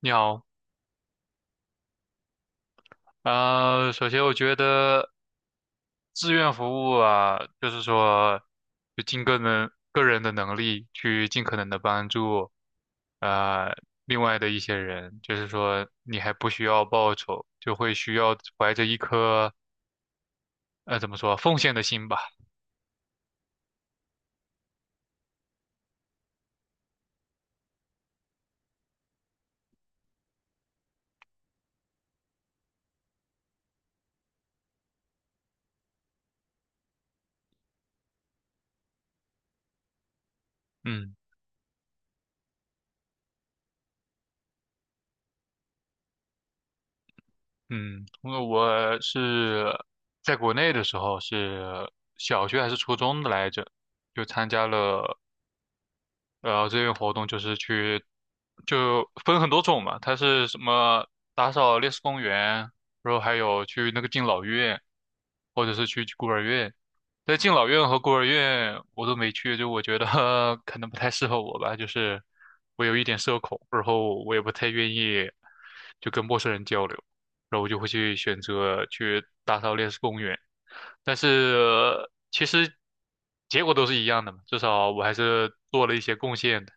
你好。首先我觉得志愿服务啊，就是说，就尽个人的能力去尽可能的帮助，呃，另外的一些人，就是说你还不需要报酬，就会需要怀着一颗怎么说奉献的心吧。嗯嗯。因为我是在国内的时候是小学还是初中的来着，就参加了，然后志愿活动就是去，就分很多种嘛，它是什么打扫烈士公园，然后还有去那个敬老院，或者是去孤儿院。在敬老院和孤儿院我都没去，就我觉得 可能不太适合我吧，就是我有一点社恐，然后我也不太愿意就跟陌生人交流，然后我就会去选择去打扫烈士公园。但是其实结果都是一样的嘛，至少我还是做了一些贡献的。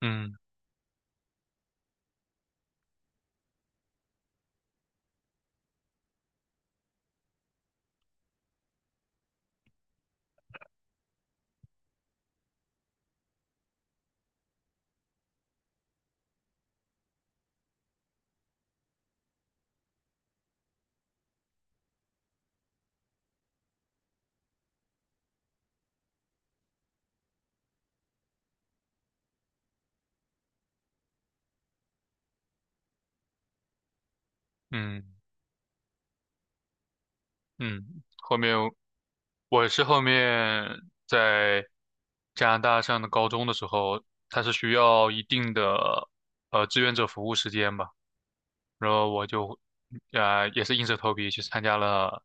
嗯嗯嗯。我是后面在加拿大上的高中的时候，它是需要一定的志愿者服务时间吧，然后我就也是硬着头皮去参加了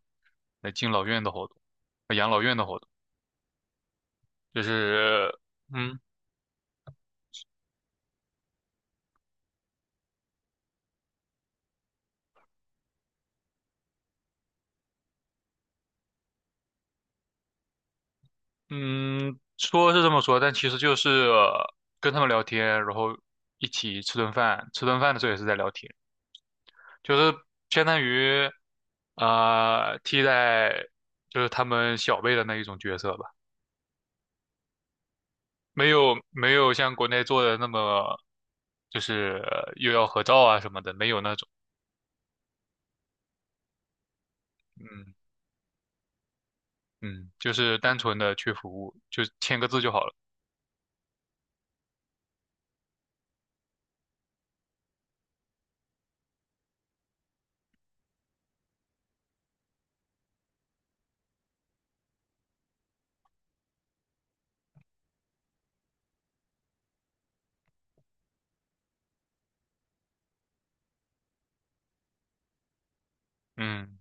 敬老院的活动，养老院的活动，就是。嗯。嗯，说是这么说，但其实就是跟他们聊天，然后一起吃顿饭，吃顿饭的时候也是在聊天，就是相当于替代就是他们小辈的那一种角色吧。没有像国内做的那么就是又要合照啊什么的，没有那种。嗯嗯。就是单纯的去服务，就签个字就好了。嗯。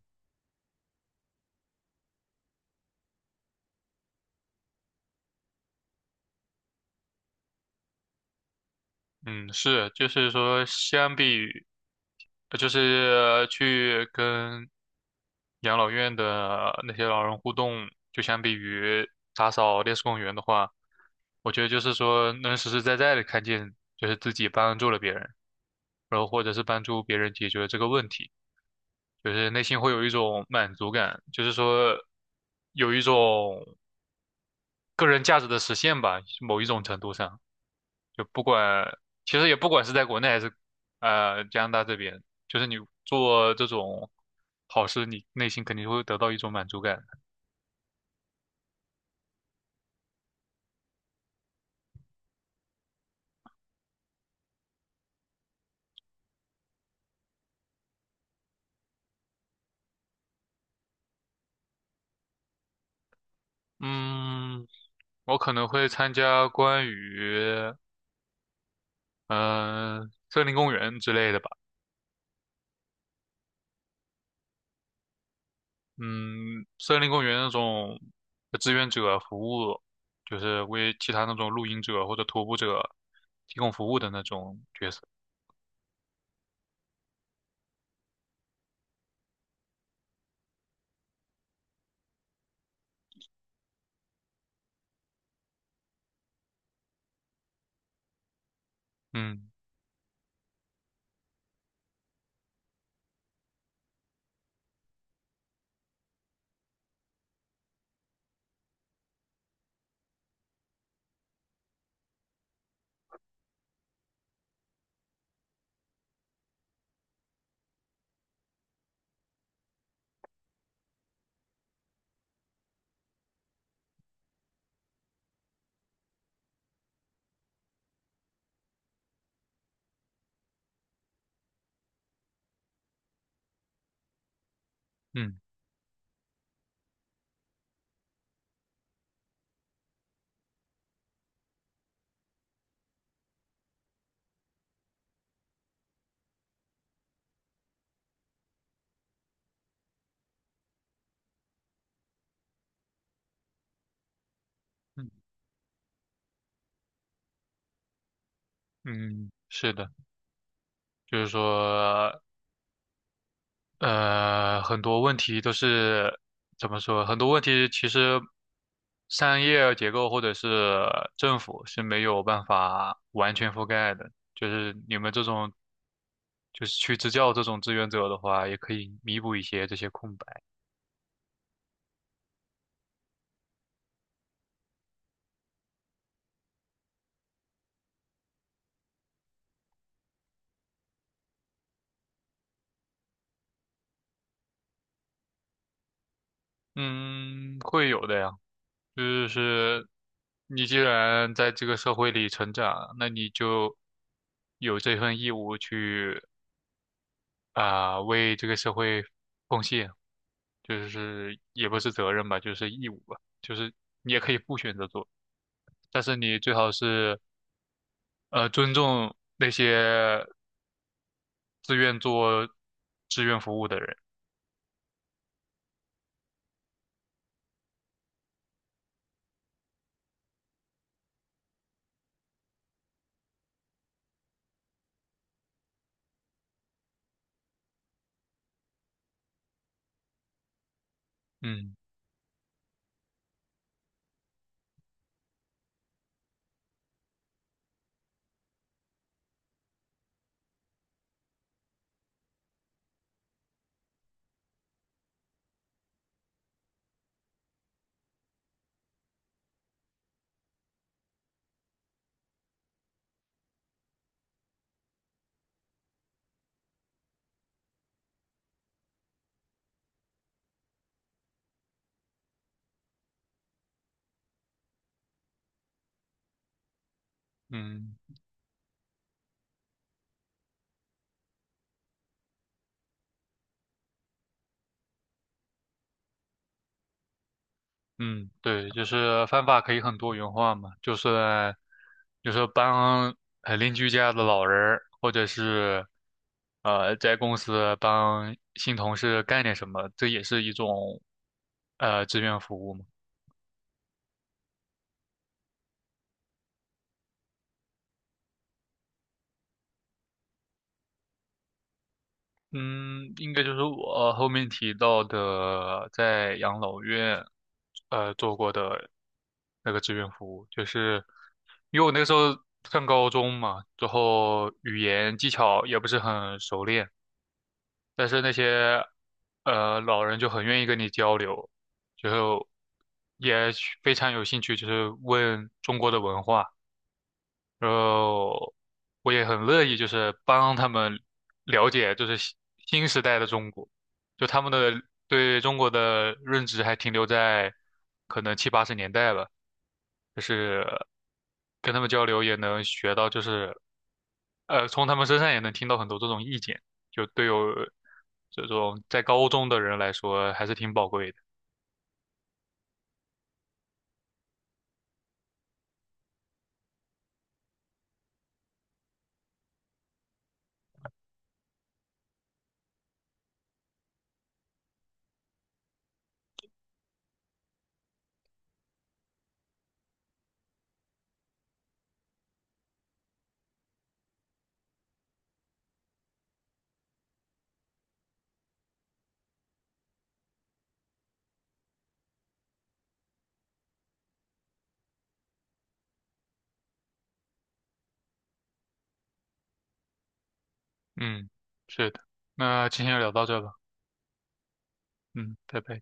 嗯，是，就是说，相比于就是去跟养老院的那些老人互动，就相比于打扫烈士公园的话，我觉得就是说，能实实在在的看见，就是自己帮助了别人，然后或者是帮助别人解决这个问题，就是内心会有一种满足感，就是说，有一种个人价值的实现吧，某一种程度上。就不管，其实也不管是在国内还是加拿大这边，就是你做这种好事，你内心肯定会得到一种满足感。嗯，我可能会参加关于森林公园之类的吧。嗯，森林公园那种志愿者服务，就是为其他那种露营者或者徒步者提供服务的那种角色。嗯嗯嗯嗯，是的，就是说。很多问题都是怎么说？很多问题其实商业结构或者是政府是没有办法完全覆盖的。就是你们这种，就是去支教这种志愿者的话，也可以弥补一些这些空白。嗯，会有的呀。就是你既然在这个社会里成长，那你就有这份义务去为这个社会贡献，就是也不是责任吧，就是义务吧，就是你也可以不选择做，但是你最好是尊重那些自愿做志愿服务的人。嗯嗯。嗯，对，就是方法可以很多元化嘛，就是帮邻居家的老人儿或者是在公司帮新同事干点什么，这也是一种志愿服务嘛。嗯，应该就是我后面提到的在养老院做过的那个志愿服务，就是因为我那个时候上高中嘛，之后语言技巧也不是很熟练。但是那些老人就很愿意跟你交流，就也非常有兴趣，就是问中国的文化。然后我也很乐意就是帮他们了解就是新时代的中国，就他们的对中国的认知还停留在可能七八十年代吧，就是跟他们交流也能学到就是从他们身上也能听到很多这种意见，就对有这种在高中的人来说还是挺宝贵的。嗯，是的，那今天就聊到这吧。嗯，拜拜。